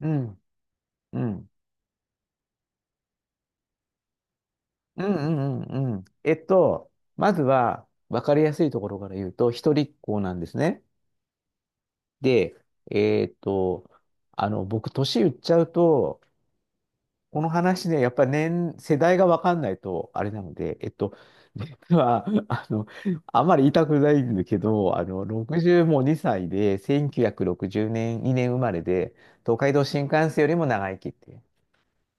うん、うん、うん、うん、うんうん。まずは、わかりやすいところから言うと、一人っ子なんですね。で、えっと、僕、年言っちゃうと、この話ね、やっぱり世代がわかんないと、あれなので、実は、あんまり言いたくないんだけど、60も2歳で、1960年、2年生まれで、東海道新幹線よりも長生きっていう。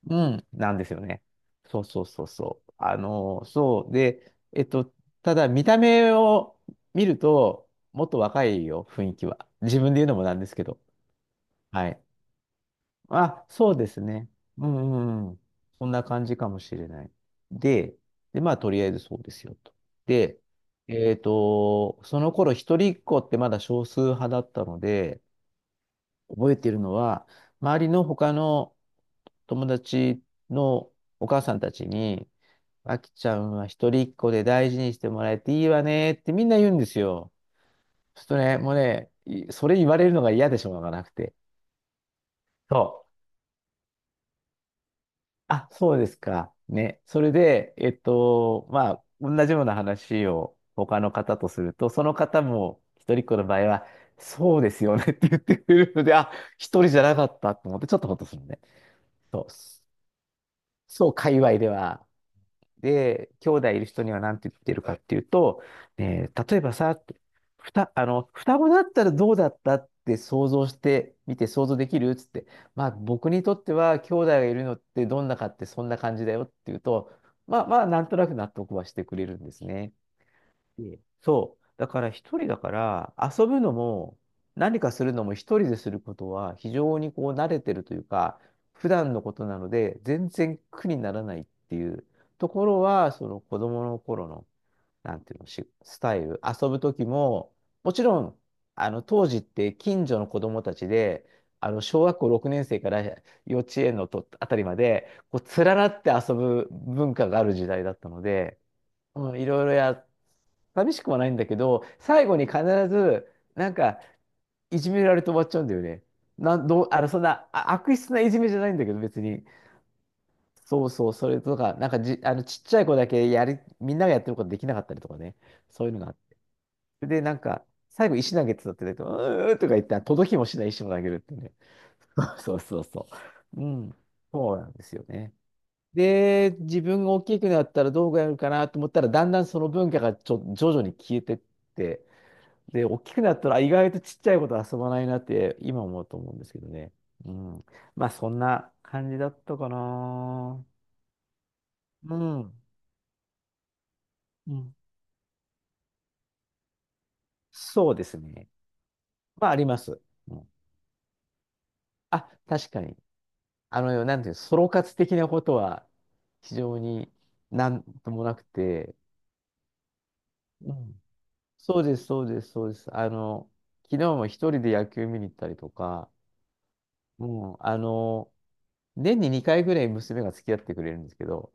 うん、なんですよね。そうそうそうそう。そう。で、ただ見た目を見ると、もっと若いよ、雰囲気は。自分で言うのもなんですけど。はい。あ、そうですね。うんうんうん。そんな感じかもしれない。で、で、まあ、とりあえずそうですよと。で、その頃、一人っ子ってまだ少数派だったので、覚えてるのは、周りの他の友達のお母さんたちに、あきちゃんは一人っ子で大事にしてもらえていいわねってみんな言うんですよ。ちょっとね、もうね、いそれ言われるのが嫌でしょうがなくて。そう。あ、そうですか。ね。それで、まあ、同じような話を他の方とすると、その方も一人っ子の場合は、そうですよねって言ってくれるので、あ、一人じゃなかったと思って、ちょっとほっとするね。そう。そう、界隈では。で、兄弟いる人には何て言ってるかっていうと、例えばさ、ってふた、あの、双子だったらどうだったって想像してみて想像できるっつって、まあ僕にとっては兄弟がいるのってどんなかってそんな感じだよっていうと、まあまあなんとなく納得はしてくれるんですね。でそう。だから一人だから遊ぶのも何かするのも一人ですることは非常にこう慣れてるというか普段のことなので全然苦にならないっていうところはその子供の頃のなんていうのしスタイル遊ぶ時ももちろん当時って近所の子供たちで小学校6年生から幼稚園のあたりまでこう連なって遊ぶ文化がある時代だったので。うん、いろいろや、寂しくはないんだけど、最後に必ず、なんか、いじめられて終わっちゃうんだよね。なん、どう、あの、そんな、あ、悪質ないじめじゃないんだけど、別に。そうそう、それとか、なんかじ、あの、ちっちゃい子だけやり、みんながやってることできなかったりとかね。そういうのがあって。で、なんか、最後、石投げてたって言うと、うーとか言って、届きもしない石も投げるってね。そうそうそうそう。うん。そうなんですよね。で、自分が大きくなったらどうやるかなと思ったら、だんだんその文化が徐々に消えてって、で、大きくなったら意外とちっちゃいこと遊ばないなって今思うと思うんですけどね。うん。まあ、そんな感じだったかな。うん。うん。そうですね。まあ、あります。うん。あ、確かに。あの、なんていうの、ソロ活的なことは非常になんともなくて、うんそうです、そうです、そうです。昨日も一人で野球見に行ったりとか、うん、年に2回ぐらい娘が付き合ってくれるんですけど、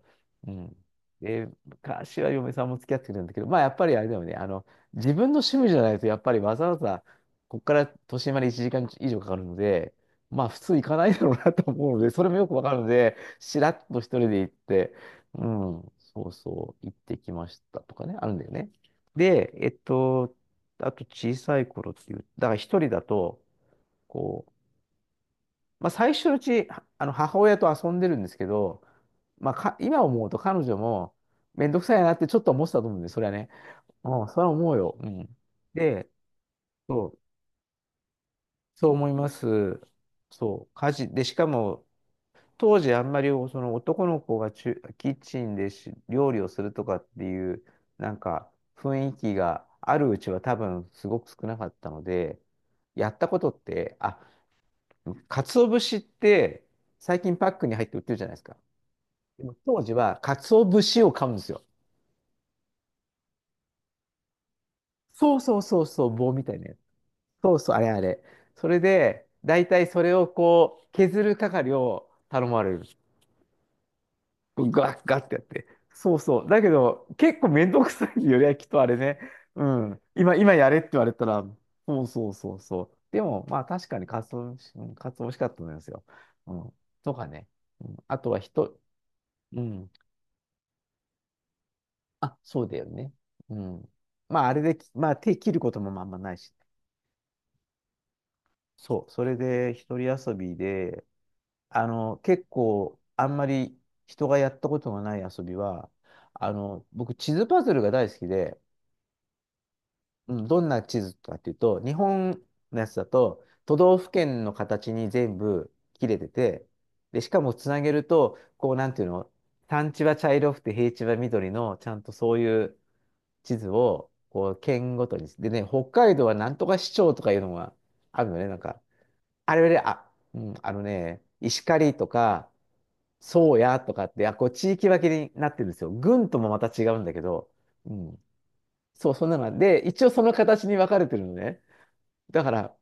うん。で、昔は嫁さんも付き合ってくれるんだけど、まあやっぱりあれだよね、自分の趣味じゃないと、やっぱりわざわざ、ここから都心まで1時間以上かかるので、まあ普通行かないだろうなと思うので、それもよくわかるので、しらっと一人で行って、うん、そうそう、行ってきましたとかね、あるんだよね。で、あと小さい頃っていう、だから一人だと、こう、まあ、最初のうち、はあの、母親と遊んでるんですけど、今思うと彼女も、めんどくさいなってちょっと思ってたと思うんで、それはね。うん、それは思うよ。うん。で、そう、そう思います。そう、家事。で、しかも、当時あんまりその男の子がキッチンで料理をするとかっていう、なんか、雰囲気があるうちは多分すごく少なかったので、やったことって、あ、鰹節って最近パックに入って売ってるじゃないですか。でも当時は、鰹節を買うんですよ。そうそうそうそう、棒みたいなやつ。そうそう、あれあれ。それで、大体それをこう、削る係を頼まれる。ガッガッってやって。そうそう。だけど、結構めんどくさいよね、きっとあれね。うん。今やれって言われたら、そうそうそうそう。でも、まあ確かに鰹節、うん鰹美味しかったと思いますよ。うん。とかね。うん、あとは人、うん。あ、そうだよね。うん。まああれで、まあ手切ることもまああんまないしね。そう、それで一人遊びで、結構あんまり人がやったことがない遊びは、僕地図パズルが大好きで、うん、どんな地図かっていうと、日本のやつだと都道府県の形に全部切れてて、で、しかもつなげると、こうなんていうの、山地は茶色くて平地は緑の、ちゃんとそういう地図を、こう県ごとに、でね、北海道はなんとか市町とかいうのがあるのね、なんか。あれで、あ、うん、あのね、石狩とか、宗谷とかって、あ、こう地域分けになってるんですよ。郡ともまた違うんだけど、うん。そう、そんなのがで、一応その形に分かれてるのね。だから、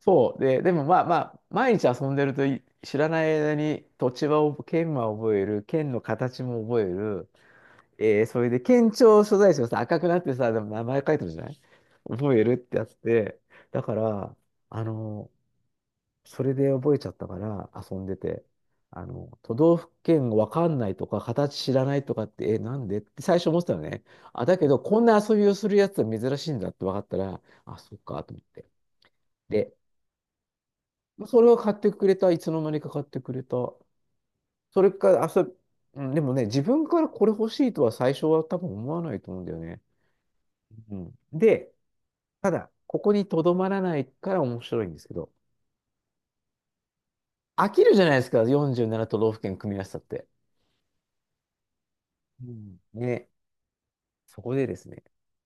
そう。で、でもまあまあ、毎日遊んでると知らない間に土地は覚え、県は覚える、県の形も覚える。それで県庁所在地がさ、赤くなってさ、でも名前書いてるじゃない覚えるってやつで、だから、あの、それで覚えちゃったから遊んでて、都道府県わかんないとか、形知らないとかって、え、なんでって最初思ってたのね。あ、だけど、こんな遊びをするやつは珍しいんだって分かったら、あ、そっか、と思って。で、それを買ってくれた、いつの間にか買ってくれた。それから、遊び、うんでもね、自分からこれ欲しいとは最初は多分思わないと思うんだよね。うん、で、ただ、ここにとどまらないから面白いんですけど、飽きるじゃないですか、47都道府県組み合わせたって。うんね。そこでですね、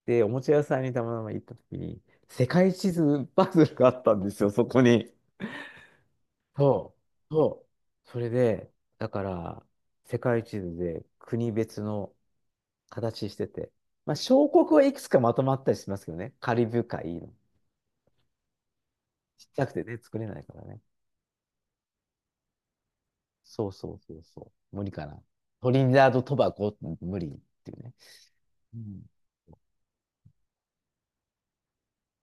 で、おもちゃ屋さんにたまたま行った時に、世界地図パズルがあったんですよ、そこに。そう、そう。それで、だから、世界地図で国別の形してて、まあ、小国はいくつかまとまったりしますけどね、カリブ海の。ちっちゃくてね、作れないからね。そうそうそうそう。無理かな。トリニダード・トバゴ、無理っていうね。うん、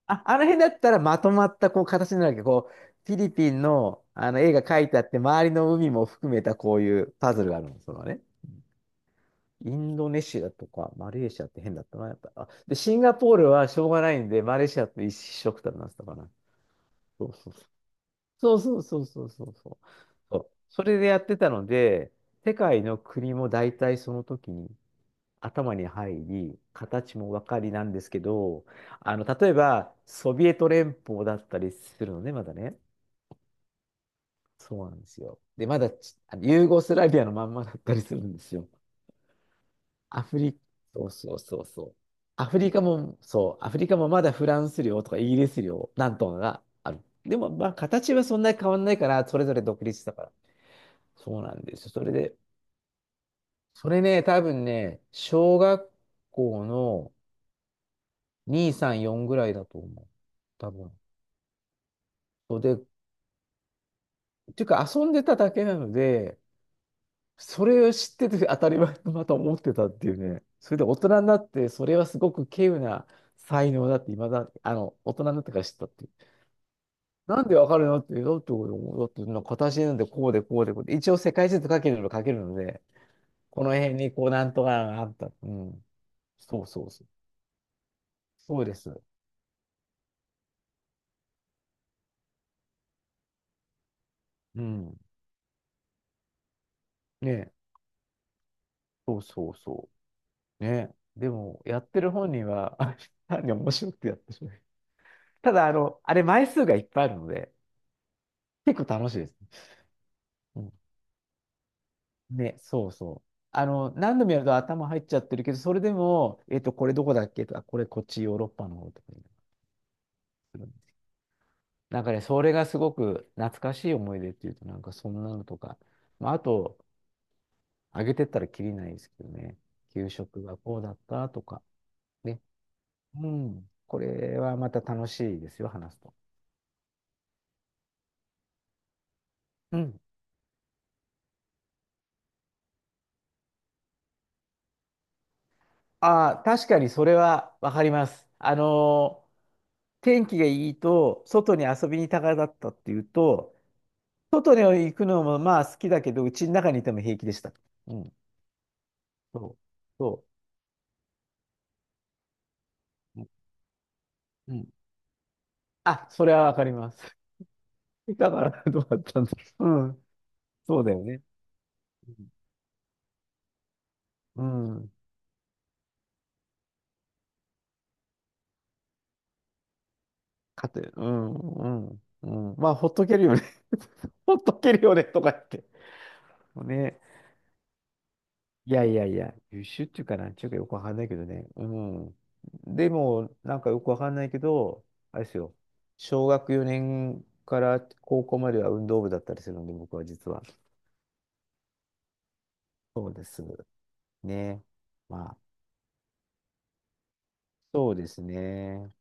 あ、あの辺だったらまとまったこう形になるわけど、こう、フィリピンの、あの絵が描いてあって、周りの海も含めたこういうパズルがあるの、そのね。インドネシアとかマレーシアって変だったな、やっぱ。あ、で、シンガポールはしょうがないんで、マレーシアと一緒くたになってたかな。そうそうそう。そうそうそうそうそうそう。そう、それでやってたので、世界の国も大体その時に頭に入り、形もわかりなんですけど、例えば、ソビエト連邦だったりするのね、まだね。そうなんですよ。で、まだち、ユーゴスラビアのまんまだったりするんですよ。アフリ、そうそうそうそう。アフリカも、そう、アフリカもまだフランス領とかイギリス領、なんとかがある。でも、まあ、形はそんなに変わんないから、それぞれ独立したから。そうなんですよ。それで、それね、多分ね、小学校の、234ぐらいだと思う。多分。そうで、っていうか遊んでただけなので、それを知ってて 当たり前とまた思ってたっていうね。それで大人になって、それはすごく稀有な才能だって、未だ、大人になってから知ったっていう。なんでわかるのって、だって俺も、だってなんか形なんでこうでこうでこうで、一応世界地図書けるの書けるので、この辺にこうなんとかがあった。うん。そうそうそう。そうです。うん。ね。そうそうそう。ね。でも、やってる本人は、あ、単に面白くてやってしまう。ただ、あれ枚数がいっぱいあるので、結構楽しいです。うん、ね、そうそう。あの、何度もやると頭入っちゃってるけど、それでも、これどこだっけとか、これこっちヨーロッパの方とかにするんです。なんかね、それがすごく懐かしい思い出っていうと、なんかそんなのとか、まあ、あと、あげてったらきりないですけどね、給食がこうだったとか、ね、うん、これはまた楽しいですよ、話すと。うん。ああ、確かにそれはわかります。天気がいいと、外に遊びに行きたがだったっていうと、外に行くのもまあ好きだけど、うちの中にいても平気でした。うん。そう。そう。うん。うん、あ、それはわかります。だから、どうだったんだろう。うん。そうだよね。うん。うん、かて、うん、うん、うん。まあ、ほっとけるよね。ほっとけるよね、とか言って。ね。いやいやいや、優秀っていうかなんちゅうかよくわかんないけどね。うん。でも、なんかよくわかんないけど、あれですよ。小学4年から高校までは運動部だったりするので、僕は実は。そうです。ね。まあ、そうですね。